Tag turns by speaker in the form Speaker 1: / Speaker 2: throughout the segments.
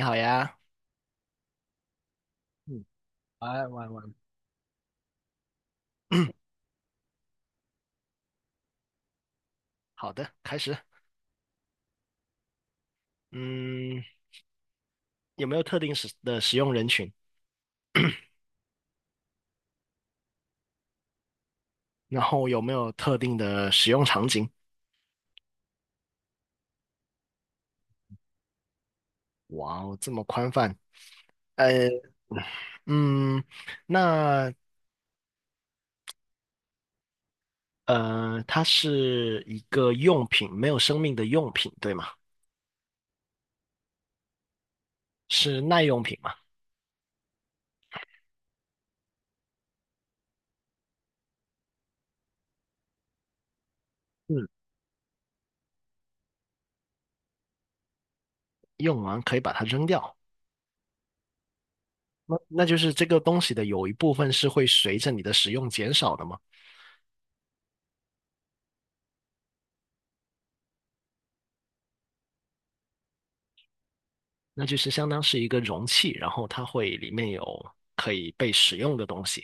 Speaker 1: 你好呀。嗯，来玩玩。好的，开始。嗯，有没有特定使的使用人群？然后有没有特定的使用场景？哇哦，这么宽泛。呃，嗯，那它是一个用品，没有生命的用品，对吗？是耐用品嘛？嗯，用完可以把它扔掉。那就是这个东西的有一部分是会随着你的使用减少的吗？那就是相当是一个容器，然后它会里面有可以被使用的东西。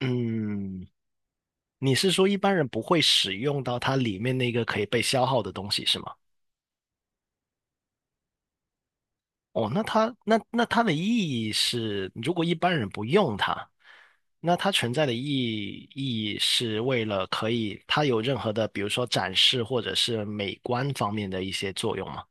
Speaker 1: 嗯，你是说一般人不会使用到它里面那个可以被消耗的东西是吗？哦，那它的意义是，如果一般人不用它，那它存在的意义是为了可以它有任何的，比如说展示或者是美观方面的一些作用吗？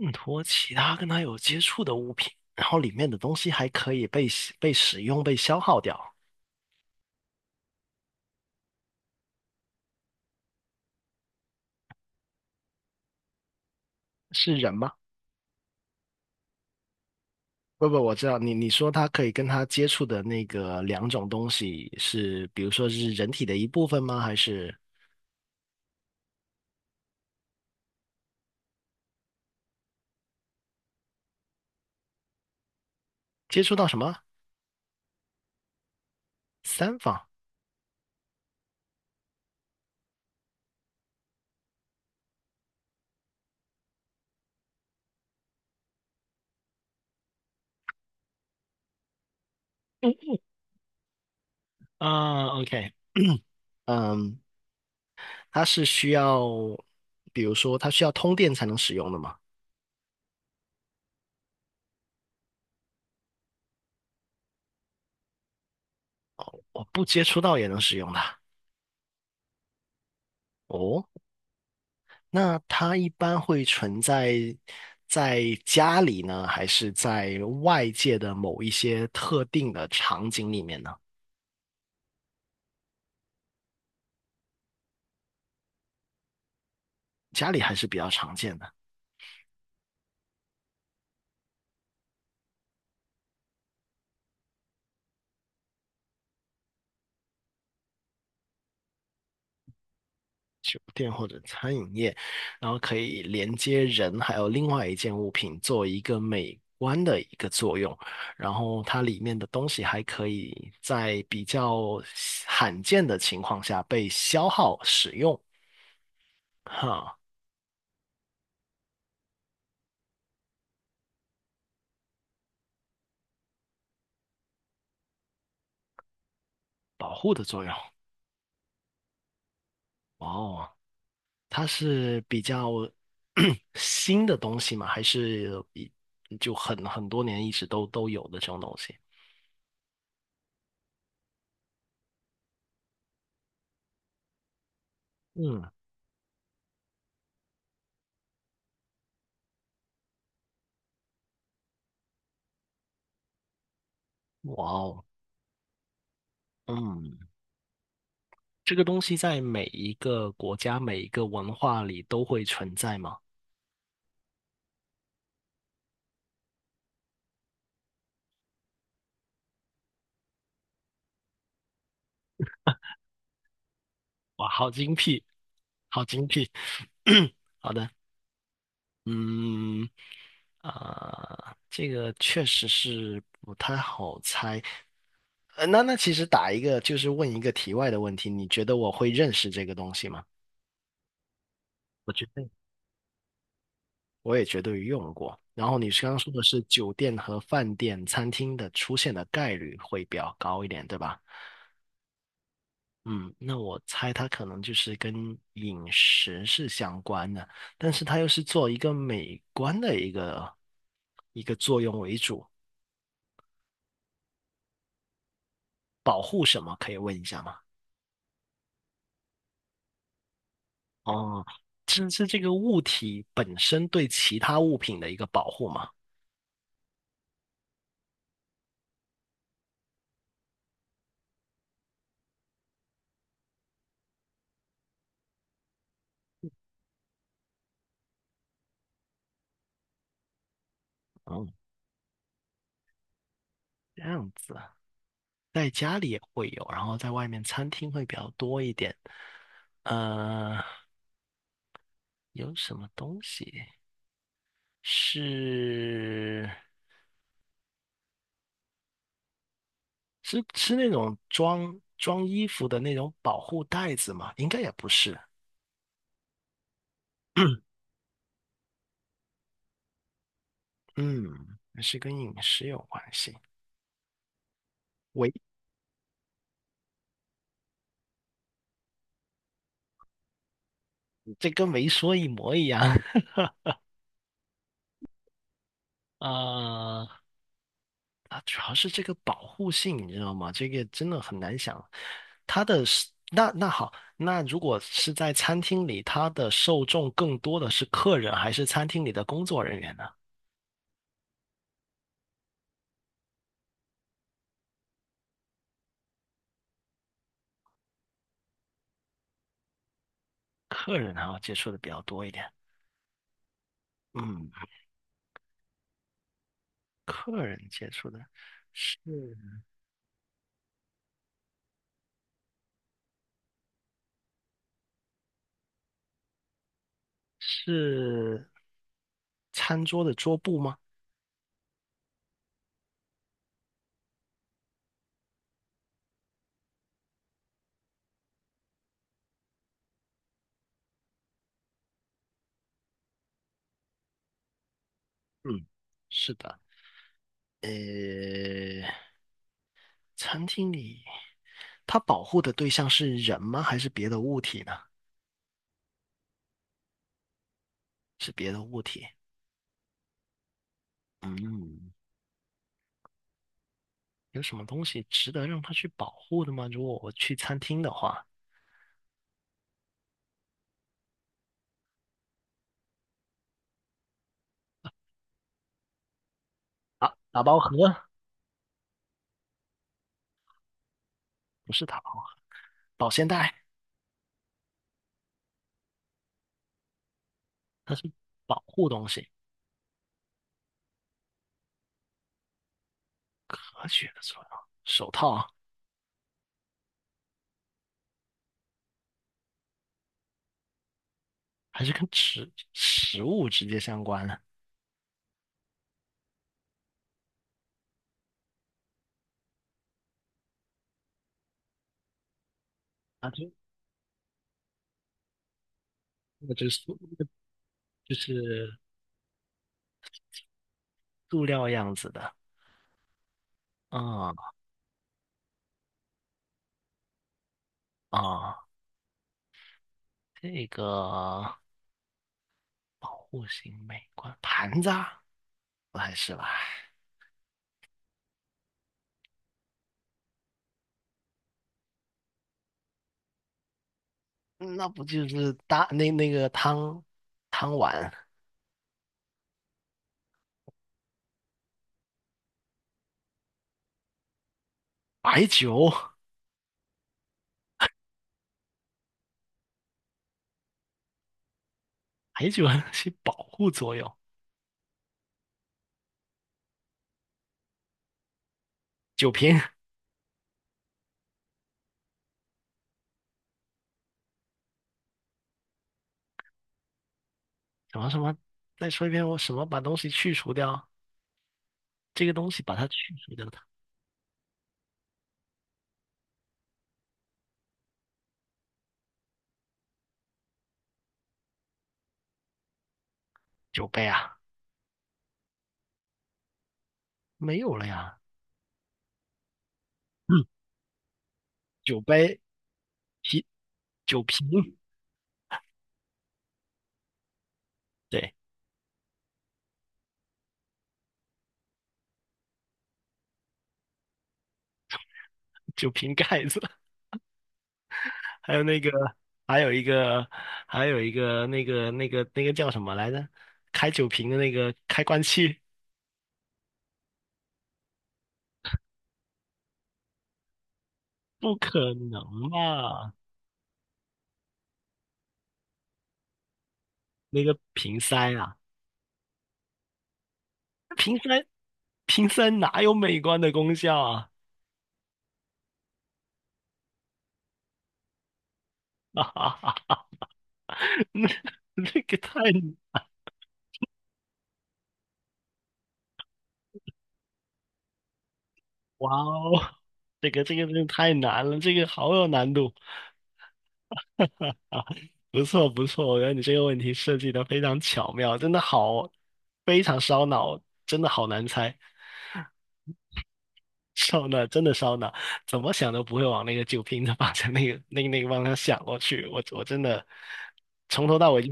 Speaker 1: 嗯，托其他跟它有接触的物品，然后里面的东西还可以被使用、被消耗掉，是人吗？不不，我知道你说他可以跟他接触的那个两种东西是，比如说是人体的一部分吗？还是接触到什么三方？嗯，啊，OK。嗯，它是需要，比如说它需要通电才能使用的吗？我不接触到也能使用的。哦，那它一般会存在在家里呢，还是在外界的某一些特定的场景里面呢？家里还是比较常见的。酒店或者餐饮业，然后可以连接人还有另外一件物品做一个美观的一个作用，然后它里面的东西还可以在比较罕见的情况下被消耗使用，哈。保护的作用。哦，它是比较 新的东西吗？还是很多年一直都有的这种东西？嗯，哇哦，嗯，这个东西在每一个国家、每一个文化里都会存在吗？哇，好精辟，好精辟。好的。嗯，这个确实是不太好猜。呃，那其实打一个就是问一个题外的问题，你觉得我会认识这个东西吗？我觉得我也绝对用过。然后你刚刚说的是酒店和饭店、餐厅的出现的概率会比较高一点，对吧？嗯，那我猜它可能就是跟饮食是相关的，但是它又是做一个美观的一个作用为主。保护什么？可以问一下吗？哦，这是这个物体本身对其他物品的一个保护吗？哦，这样子啊。在家里也会有，然后在外面餐厅会比较多一点。呃，有什么东西是是那种装衣服的那种保护袋子吗？应该也不是。嗯，是跟饮食有关系。围，这跟没说一模一样。呃，主要是这个保护性，你知道吗？这个真的很难想。它的是那那好，那如果是在餐厅里，它的受众更多的是客人，还是餐厅里的工作人员呢？客人还要接触的比较多一点。嗯，客人接触的是是餐桌的桌布吗？嗯，是的。呃，餐厅里，它保护的对象是人吗？还是别的物体呢？是别的物体。嗯。有什么东西值得让它去保护的吗？如果我去餐厅的话，啊，打包盒不是打包盒。保鲜袋，它是保护东西，何举的作用。手套还是跟食物直接相关的啊？就那就是塑就是塑料样子的。啊啊，这个户型美观盘子啊，不还是吧？嗯那不就是大那那个汤汤碗。白酒。白酒 还有些保护作用。酒瓶什么什么，再说一遍，我什么把东西去除掉？这个东西把它去除掉它，酒杯啊，没有了呀。嗯，酒杯啤酒瓶。对，酒瓶盖子，还有那个，还有一个，还有一个那个叫什么来着？开酒瓶的那个开关器，不可能吧？那个瓶塞啊，瓶塞。瓶塞哪有美观的功效啊？哈哈哈，那那个太哇哦，这个真的太难了，这个好有难度啊！不错不错，我觉得你这个问题设计的非常巧妙，真的好，非常烧脑，真的好难猜。烧脑真的烧脑，怎么想都不会往那个酒瓶子方向那个方向想过去，我真的从头到尾就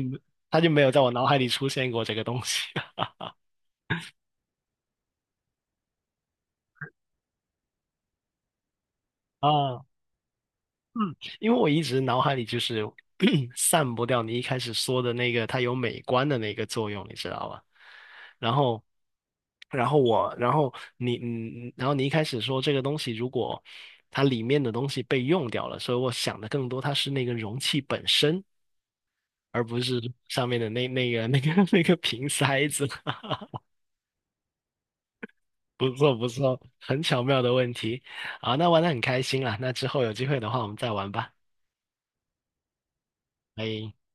Speaker 1: 他就没有在我脑海里出现过这个东西。 啊。嗯，因为我一直脑海里就是 散不掉你一开始说的那个它有美观的那个作用，你知道吧？然后，然后我，然后你，嗯，然后你一开始说这个东西如果它里面的东西被用掉了，所以我想的更多它是那个容器本身，而不是上面的那个 那个瓶塞子。不错不错，很巧妙的问题。好，那玩的很开心啦，那之后有机会的话我们再玩吧，拜。